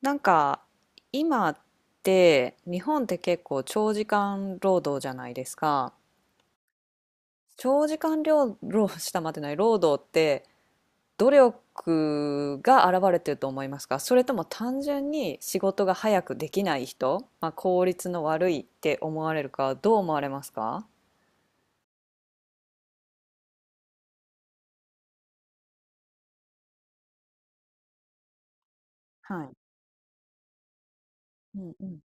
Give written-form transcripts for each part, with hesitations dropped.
なんか今って日本って結構長時間労働じゃないですか。長時間労働したまってない労働って努力が現れてると思いますか、それとも単純に仕事が早くできない人、まあ、効率の悪いって思われるか、どう思われますか。はい。うんうん。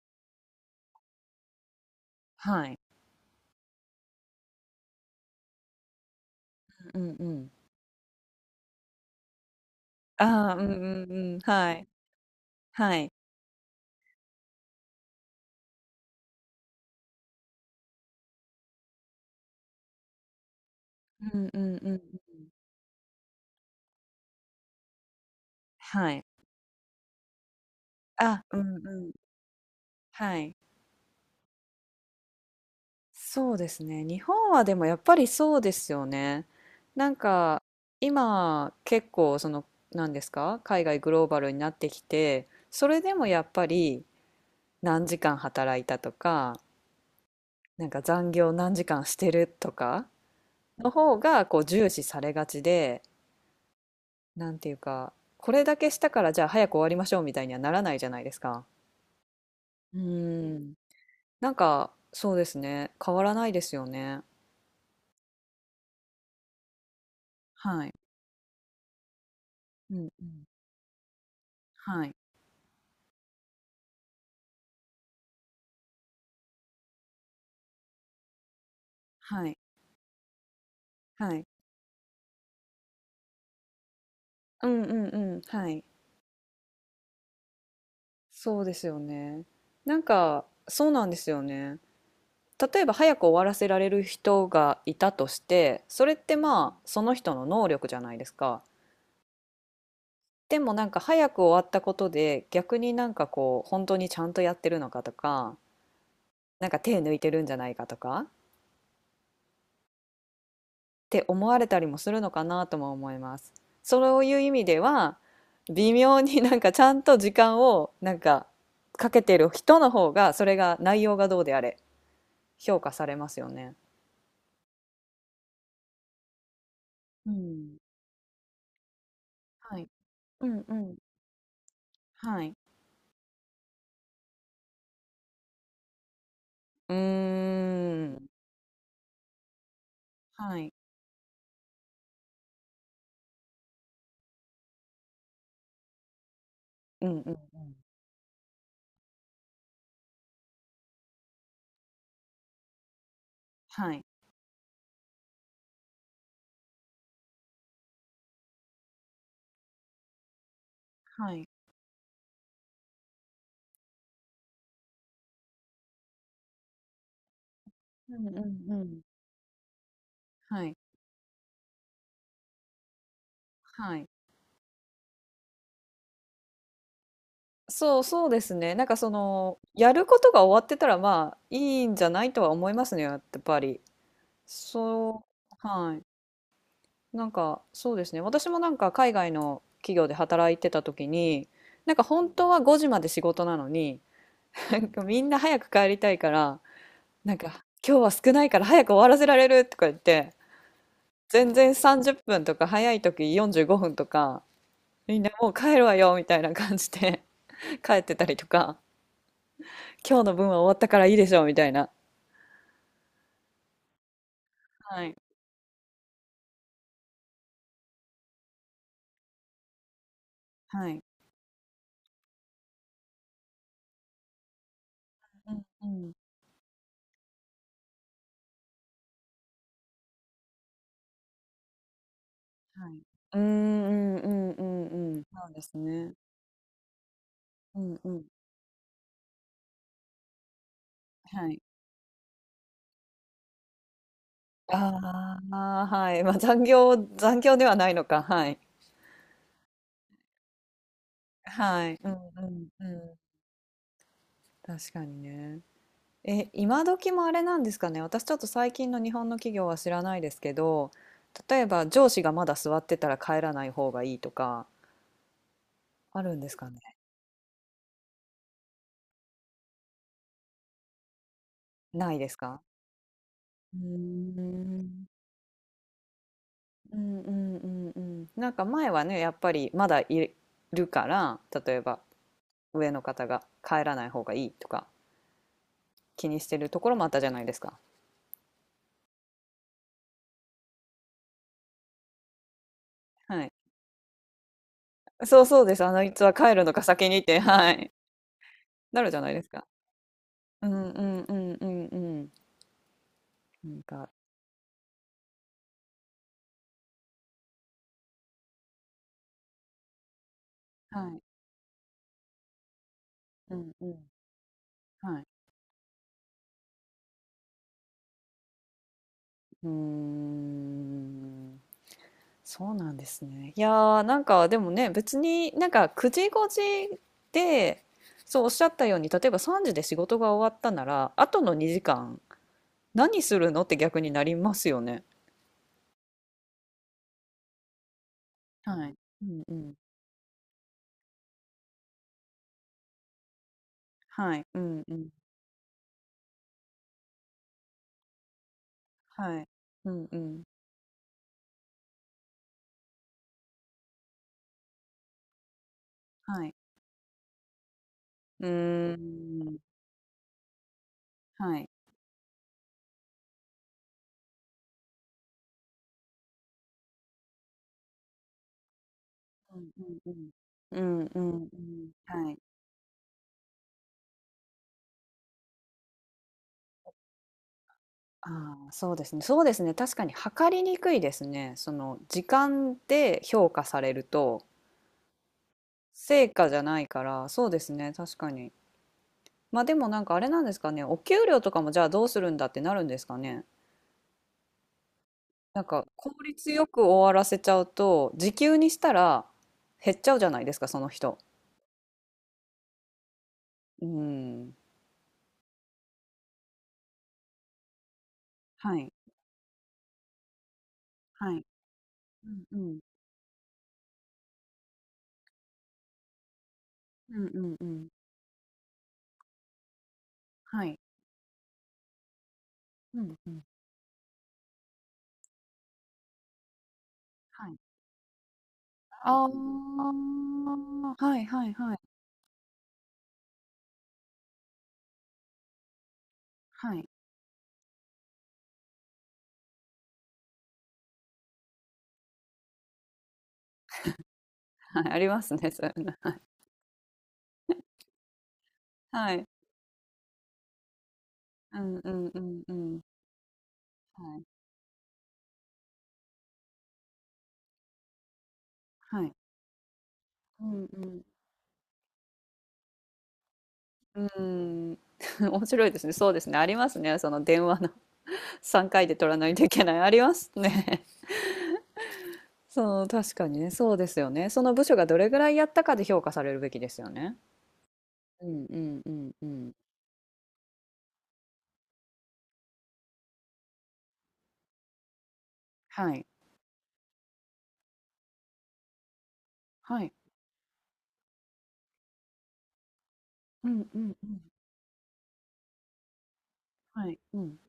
はい。うんうん。ああ、うんうんうん。はい。はい。うんうんうん。はい。あ、うんうん。はい。そうですね。日本はでもやっぱりそうですよね。なんか今結構その、何ですか、海外グローバルになってきて、それでもやっぱり何時間働いたとか、なんか残業何時間してるとかの方がこう重視されがちで、なんていうか、これだけしたからじゃあ早く終わりましょう、みたいにはならないじゃないですか。うん。なんかそうですね。変わらないですよね。はい。うんうん。はい。はい。はい。うんうんうん。はい。そうですよね。なんか、そうなんですよね。例えば早く終わらせられる人がいたとして、それってまあ、その人の能力じゃないですか。でもなんか早く終わったことで、逆になんかこう、本当にちゃんとやってるのかとか、なんか手抜いてるんじゃないかとか、って思われたりもするのかなとも思います。そういう意味では微妙に、なんかちゃんと時間をなんかかけてる人の方が、それが内容がどうであれ評価されますよね。うん。はい。うんうん。はい。うーん。はい。うんうん。はい。はい。うんうんうん。はい。はい。そうそうですね。なんかそのやることが終わってたら、まあいいんじゃないとは思いますね。やっぱり。そう。はい。なんか、そうですね。私もなんか海外の企業で働いてた時に、なんか本当は5時まで仕事なのに、なんかみんな早く帰りたいから、なんか今日は少ないから早く終わらせられるとか言って、全然30分とか、早い時45分とか、みんなもう帰るわよみたいな感じで、 帰ってたりとか、今日の分は終わったからいいでしょう、みたいな。はい。はい。うんうん。はい。うーん、うんうんうんうん。そうですね。うんうん。はい。ああ、はい。まあ、残業、残業ではないのか。はい。はい。うんうんうん。確かにね。え、今時もあれなんですかね。私ちょっと最近の日本の企業は知らないですけど、例えば上司がまだ座ってたら帰らない方がいいとか、あるんですかね。ないですか。うーん。うんうんうんうん。なんか前はね、やっぱりまだいるから、例えば上の方が帰らない方がいいとか気にしてるところもあったじゃないですか。はい。そうそうです。あの、いつは帰るのか先にって、はい。なるじゃないですか。うんうんうんうんうん。なんか、はい。うんうん。はい。うーん。そうなんですね。いやー、なんかでもね、別になんか9時5時で、そうおっしゃったように、例えば3時で仕事が終わったなら、あとの2時間何するのって逆になりますよね。はい。うんうん。はい。うんうん。はい。うんうん。はい。うーん。はい。うんうんうん。うんうんうん。はい。ああ、そうですね。そうですね。確かに測りにくいですね。その時間で評価されると成果じゃないから、そうですね。確かに。まあでもなんかあれなんですかね。お給料とかもじゃあどうするんだってなるんですかね。なんか効率よく終わらせちゃうと時給にしたら減っちゃうじゃないですか、その人。うん。はい。はい。うんうん。うんうんうん。はい。うんうん。はい。ああ、はいはいはい。はい。はい、ありますね、そういうの。はい。うんうんうんうん。はい。はい。うんうん。うん。面白いですね。そうですね。ありますね。その電話の 3回で取らないといけない。ありますね。そう、確かにね。そうですよね。その部署がどれぐらいやったかで評価されるべきですよね。うんうんうんうん。はい。はい。うんうんうん。はい。うん。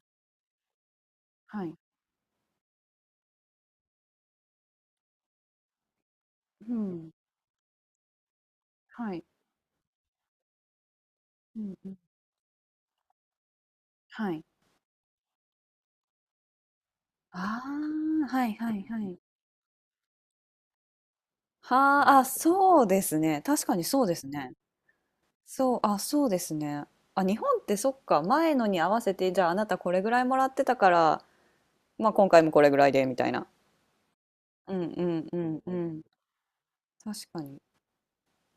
はい。うん。はい。うんうん。はい。ああ、はいはいはい。はあ、あ、そうですね。確かにそうですね。そう、あ、そうですね。あ、日本ってそっか、前のに合わせて、じゃああなたこれぐらいもらってたから、まあ今回もこれぐらいで、みたいな。うんうんうんうん。確かに。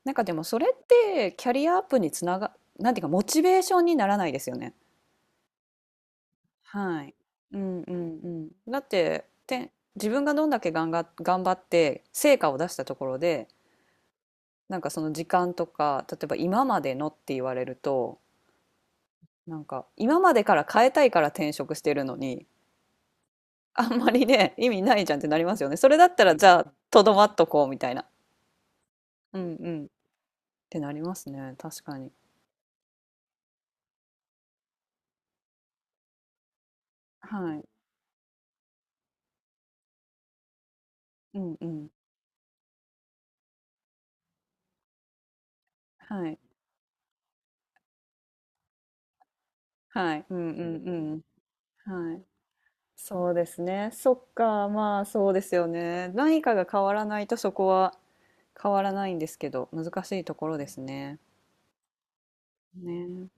なんかでもそれってキャリアアップにつなが、なんていうかモチベーションにならないですよね。はい。うんうんうん。だって、て、自分がどんだけ頑張って成果を出したところで、なんかその時間とか、例えば今までのって言われると、なんか今までから変えたいから転職してるのに、あんまりね、意味ないじゃんってなりますよね。それだったらじゃあ、とどまっとこう、みたいな。うんうん。ってなりますね。確かに。はい。うんうん。はい。はい。うんうんうん。はい。そうですね。そっか。まあそうですよね。何かが変わらないとそこは変わらないんですけど、難しいところですね。ね。